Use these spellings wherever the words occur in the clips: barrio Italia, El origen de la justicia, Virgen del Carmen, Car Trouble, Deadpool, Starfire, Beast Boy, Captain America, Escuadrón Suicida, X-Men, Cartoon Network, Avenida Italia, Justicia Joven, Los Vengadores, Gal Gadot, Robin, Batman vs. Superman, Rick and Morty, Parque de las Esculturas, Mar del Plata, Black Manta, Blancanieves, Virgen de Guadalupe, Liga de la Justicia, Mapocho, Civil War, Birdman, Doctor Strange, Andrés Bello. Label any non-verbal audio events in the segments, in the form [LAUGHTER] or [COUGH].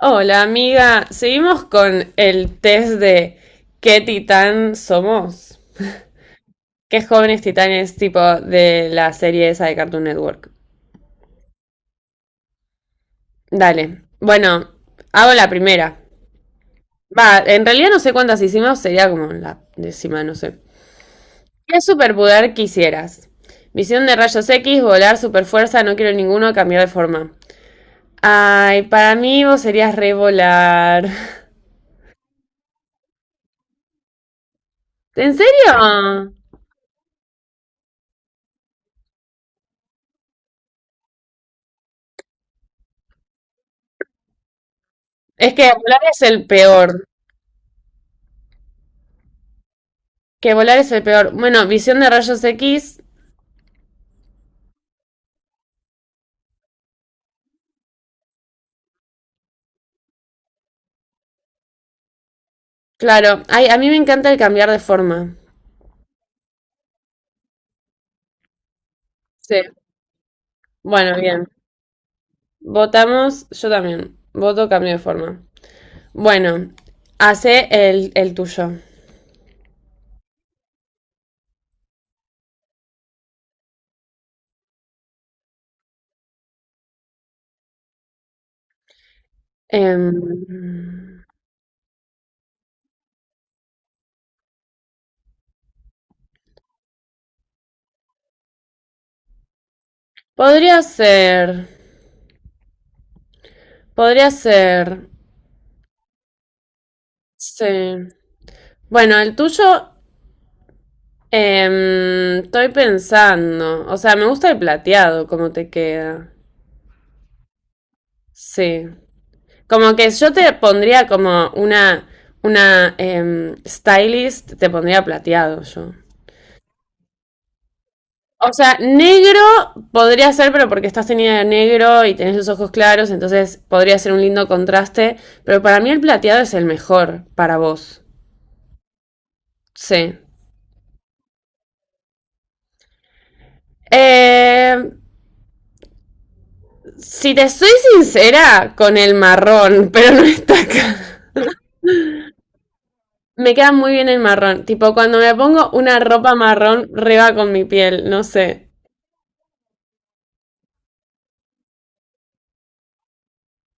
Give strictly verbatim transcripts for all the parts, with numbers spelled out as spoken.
Hola amiga, seguimos con el test de ¿qué titán somos? ¿Qué jóvenes titanes tipo de la serie esa de Cartoon Network? Dale, bueno, hago la primera. Va, en realidad no sé cuántas hicimos, sería como la décima, no sé. ¿Qué superpoder quisieras? Visión de rayos X, volar, superfuerza, no quiero ninguno, cambiar de forma. Ay, para mí vos serías re volar. [LAUGHS] ¿En serio? Es que volar es el peor. Que volar es el peor. Bueno, visión de rayos X. Claro, ay, a mí me encanta el cambiar de forma. Sí. Bueno, bien. Votamos, yo también. Voto cambio de forma. Bueno, hace el, el tuyo. Em, Podría ser. Podría ser. Sí. Bueno, el tuyo. Em, estoy pensando. O sea, me gusta el plateado, como te queda. Sí. Como que yo te pondría como una, una em, stylist, te pondría plateado yo. O sea, negro podría ser, pero porque estás tenida de negro y tenés los ojos claros, entonces podría ser un lindo contraste. Pero para mí el plateado es el mejor para vos. Sí. Eh, si te soy sincera, con el marrón, [LAUGHS] pero no está acá. Me queda muy bien el marrón. Tipo, cuando me pongo una ropa marrón, reba con mi piel, no sé.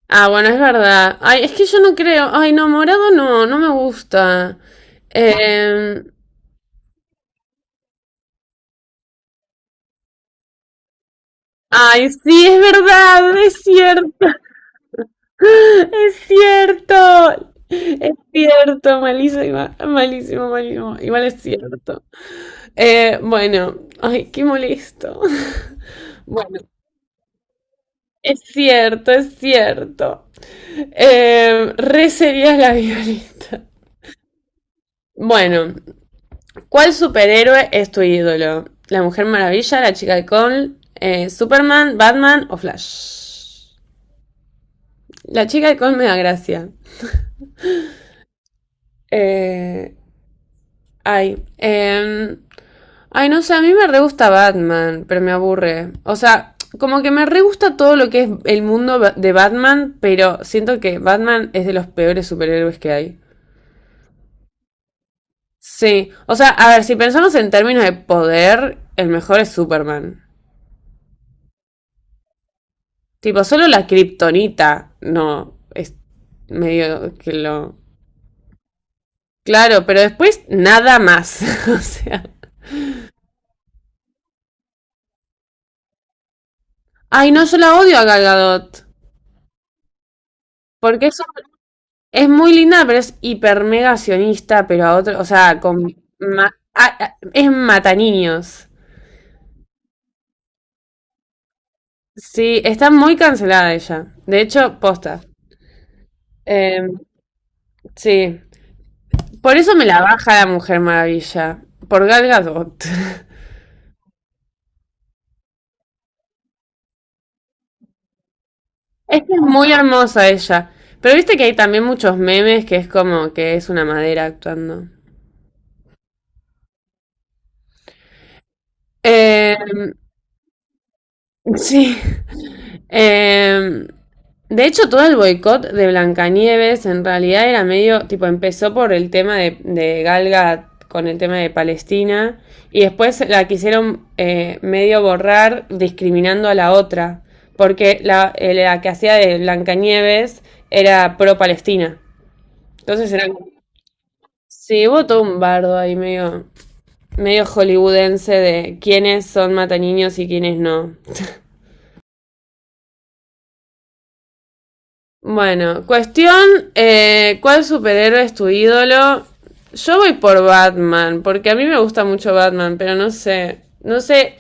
Ah, bueno, es verdad. Ay, es que yo no creo. Ay, no, morado no, no me gusta. Eh, Ay, sí, es verdad, es cierto. [LAUGHS] Es cierto. Es cierto, malísima, malísimo, malísimo. Igual es cierto. Eh, bueno, ay, qué molesto. [LAUGHS] Bueno, es cierto, es cierto. Eh, re sería la [LAUGHS] violeta. Bueno, ¿cuál superhéroe es tu ídolo? ¿La Mujer Maravilla, la Chica de Col, Superman, Batman o Flash? La Chica de Col me da gracia. Eh, Ay, em, ay, no sé, a mí me re gusta Batman, pero me aburre. O sea, como que me re gusta todo lo que es el mundo de Batman, pero siento que Batman es de los peores superhéroes que hay. Sí, o sea, a ver, si pensamos en términos de poder, el mejor es Superman. Tipo, solo la kriptonita no es medio que lo. Claro, pero después nada más. [LAUGHS] O sea. Ay, no, yo la odio a Gal Gadot. Porque es, es muy linda, pero es hiper mega sionista, pero a otro. O sea, con. ma- ah, ah, es mata niños. Sí, está muy cancelada ella. De hecho, posta. Em, sí. Por eso me la baja la Mujer Maravilla. Por Gal Gadot. Es que es muy hermosa ella. Pero viste que hay también muchos memes que es como que es una madera actuando. Eh, sí. Eh, de hecho, todo el boicot de Blancanieves en realidad era medio, tipo, empezó por el tema de, de Galga con el tema de Palestina y después la quisieron eh, medio borrar discriminando a la otra, porque la, eh, la que hacía de Blancanieves era pro-Palestina. Entonces era. Sí, hubo todo un bardo ahí medio, medio hollywoodense de quiénes son mataniños y quiénes no. Bueno, cuestión, eh, ¿cuál superhéroe es tu ídolo? Yo voy por Batman, porque a mí me gusta mucho Batman, pero no sé, no sé,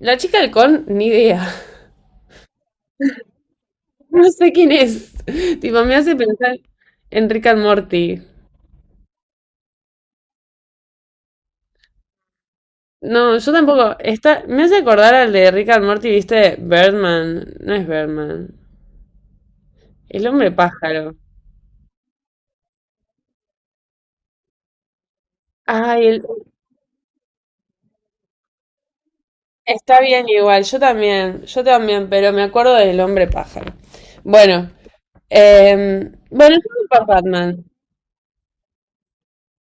la chica del ni idea, [LAUGHS] no sé quién es. Tipo, me hace pensar en Rick and Morty. No, yo tampoco, está, me hace acordar al de Rick and Morty, ¿viste? Birdman, no es Birdman, el hombre pájaro. Ay, el- está bien igual, yo también, yo también, pero me acuerdo del hombre pájaro. Bueno, em, bueno, yo voy por Batman.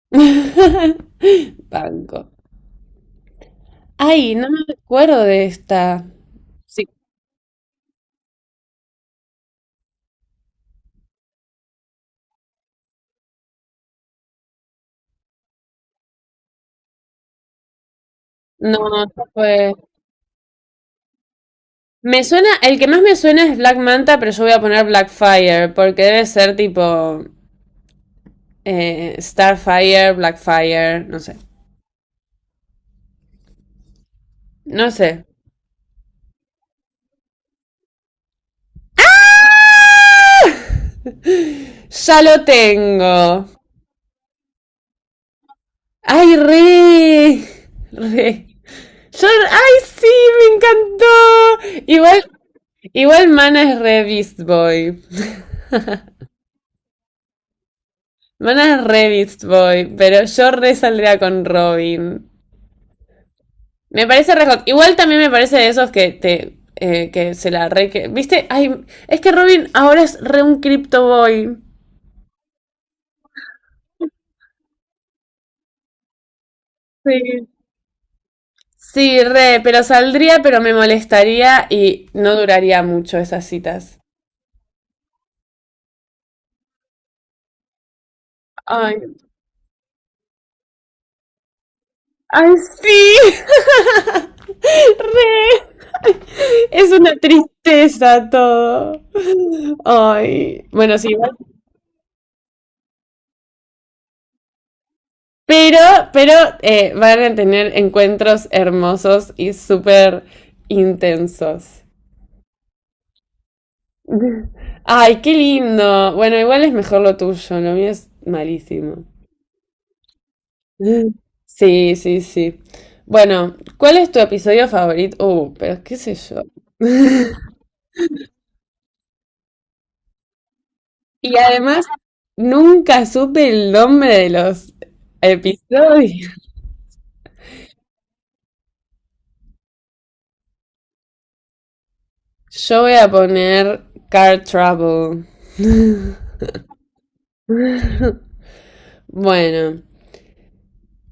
[LAUGHS] Banco. Ay, no me acuerdo de esta. Sí. No, esta fue. Me suena, el que más me suena es Black Manta, pero yo voy a poner Blackfire, porque debe ser tipo eh, Starfire, Blackfire, no sé. No sé. Ya lo tengo. Ay, re, re. Yo, ¡ay, sí! ¡Me encantó! Igual, igual Mana es re Beast Boy. Mana es re Beast Boy, pero yo re saldría con Robin. Me parece re hot. Igual también me parece de esos que te. Eh, que se la re. que- ¿Viste? Ay, es que Robin ahora es re un Crypto Boy. Sí. Sí, re, pero saldría, pero me molestaría y no duraría mucho esas citas. Ay, ay, sí. [LAUGHS] Re. Es una tristeza todo. Ay, bueno, sí, igual- pero, pero eh, van a tener encuentros hermosos y súper intensos. Ay, qué lindo. Bueno, igual es mejor lo tuyo, lo mío es malísimo. Sí, sí, sí. Bueno, ¿cuál es tu episodio favorito? Uh, pero qué sé yo. [LAUGHS] Y además, nunca supe el nombre de los episodios. Yo voy a poner Car Trouble. Bueno,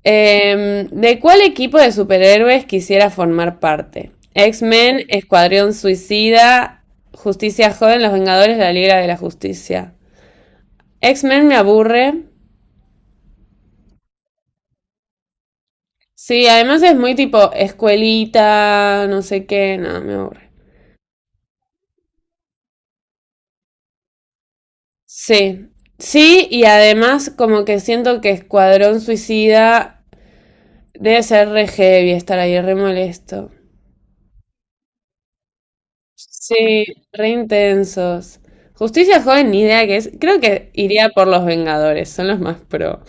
em, ¿de cuál equipo de superhéroes quisiera formar parte? X-Men, Escuadrón Suicida, Justicia Joven, Los Vengadores, La Liga de la Justicia. X-Men me aburre. Sí, además es muy tipo escuelita, no sé qué, no, me aburre. Sí, sí, y además como que siento que Escuadrón Suicida debe ser re heavy estar ahí, re molesto. Sí, re intensos. Justicia Joven, ni idea que es. Creo que iría por los Vengadores, son los más pro.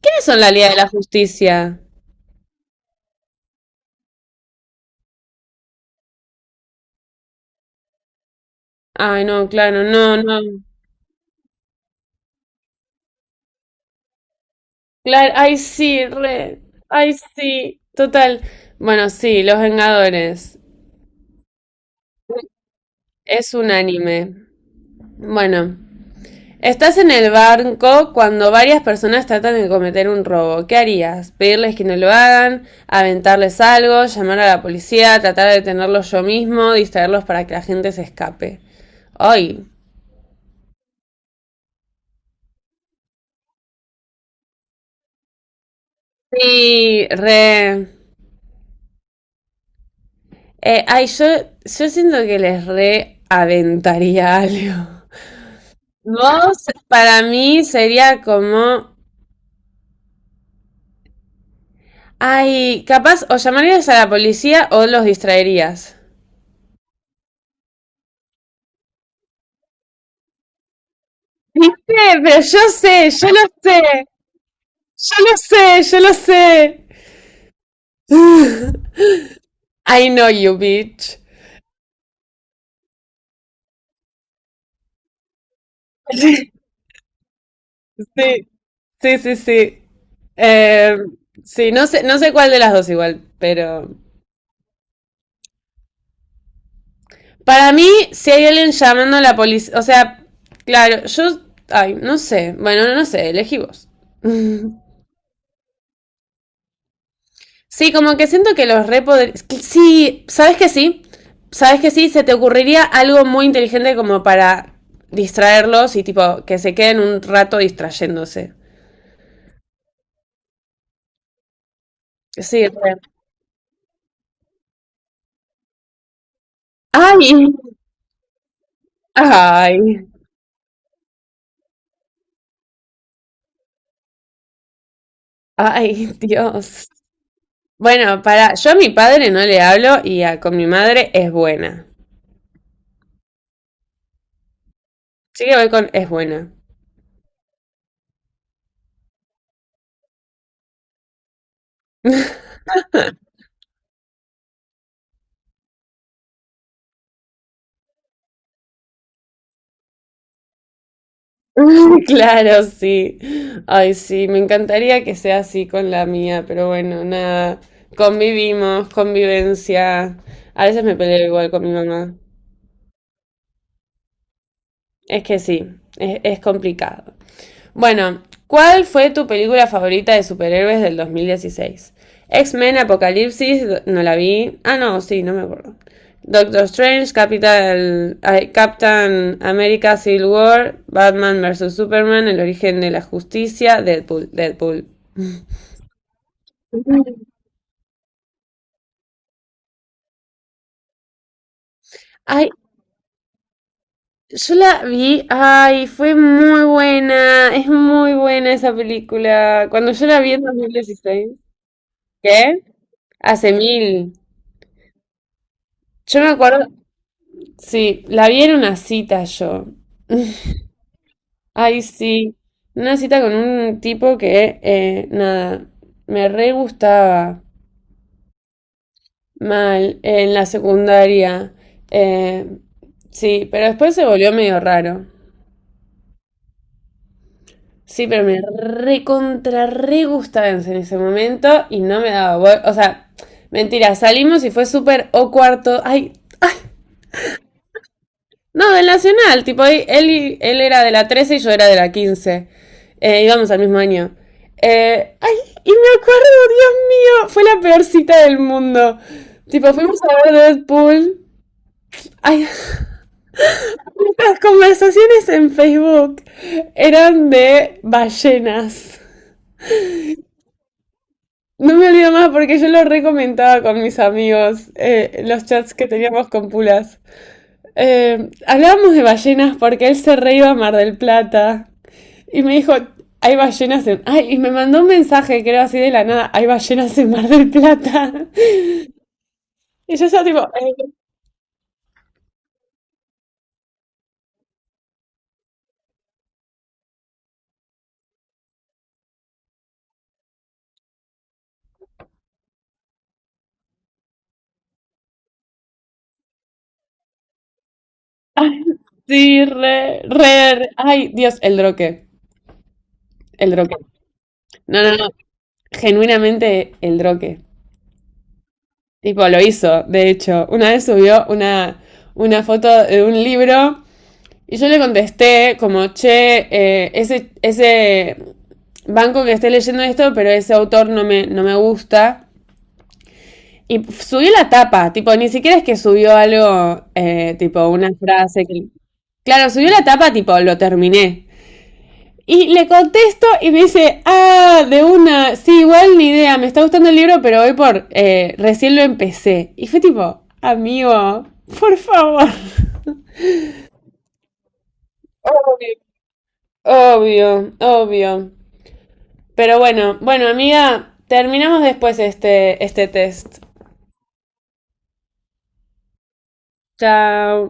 ¿Quiénes son la Liga de la Justicia? Ay, no, claro, no, no. Claro, ay, sí, re. Ay, sí, total. Bueno, sí, los Vengadores. Es un anime. Bueno. Estás en el banco cuando varias personas tratan de cometer un robo. ¿Qué harías? ¿Pedirles que no lo hagan? ¿Aventarles algo? ¿Llamar a la policía? ¿Tratar de detenerlos yo mismo? ¿Distraerlos para que la gente se escape? ¡Ay! Sí, re. Eh, ay, yo, yo siento que les re aventaría [LAUGHS] algo. Vos, para mí, sería como. Ay, capaz o llamarías a la policía o los distraerías. ¿Viste? Pero yo sé, yo lo sé. Yo lo sé, yo lo sé. [LAUGHS] I know you, bitch. Sí, sí, sí, sí. Eh, sí, no sé, no sé cuál de las dos igual, pero. Para mí, si hay alguien llamando a la policía. O sea, claro, yo. Ay, no sé. Bueno, no no sé, elegí vos. [LAUGHS] Sí, como que siento que los re poder- que sí, ¿sabes que sí? ¿Sabes que sí? Se te ocurriría algo muy inteligente como para distraerlos y tipo que se queden un rato distrayéndose. Sí, re. Ay, ay, ay, Dios. Bueno, para, yo a mi padre no le hablo y a- con mi madre es buena. Sí que voy con es buena. [LAUGHS] Claro, sí. Ay, sí, me encantaría que sea así con la mía, pero bueno, nada. Convivimos, convivencia. A veces me peleo igual con mi mamá. Es que sí, es, es complicado. Bueno, ¿cuál fue tu película favorita de superhéroes del dos mil dieciséis? X-Men, Apocalipsis, no la vi. Ah, no, sí, no me acuerdo. Doctor Strange, Capital, ay, Captain America, Civil War, Batman versus. Superman, El origen de la justicia, Deadpool, Deadpool. Ay, yo la vi, ay, fue muy buena, es muy buena esa película. ¿Cuando yo la vi en dos mil dieciséis? ¿Qué? Hace mil. Yo me acuerdo, sí, la vi en una cita yo. Ay, sí. Una cita con un tipo que, eh, nada, me re gustaba mal en la secundaria. Eh, sí, pero después se volvió medio raro. Sí, pero me re contra re gustaba en ese momento y no me daba. bol- O sea, mentira, salimos y fue súper o cuarto. Ay, no, del Nacional, tipo, él, él era de la trece y yo era de la quince. Eh, íbamos al mismo año. Eh, ay, y me acuerdo, Dios mío, fue la peor cita del mundo. Tipo, fuimos a ver Deadpool. Ay, [LAUGHS] las conversaciones en Facebook eran de ballenas. No me olvido más porque yo lo recomentaba con mis amigos, eh, los chats que teníamos con Pulas. Eh, hablábamos de ballenas porque él se re iba a Mar del Plata. Y me dijo, hay ballenas en. Ay, y me mandó un mensaje, creo así de la nada, hay ballenas en Mar del Plata. [LAUGHS] Y yo estaba tipo, eh, ay, sí, re, re, re. Ay, Dios, el droque, el droque. No, no, no, genuinamente el droque. Tipo, lo hizo, de hecho. Una vez subió una, una foto de un libro y yo le contesté como, che, eh, ese, ese banco que esté leyendo esto, pero ese autor no me, no me gusta. Y subió la tapa, tipo, ni siquiera es que subió algo, eh, tipo, una frase que. Claro, subió la tapa, tipo, lo terminé. Y le contesto y me dice, ah, de una, sí, igual ni idea, me está gustando el libro, pero hoy por, eh, recién lo empecé. Y fue tipo, amigo, por favor. Obvio, obvio, obvio. Pero bueno, bueno, amiga, terminamos después este, este test. Chao.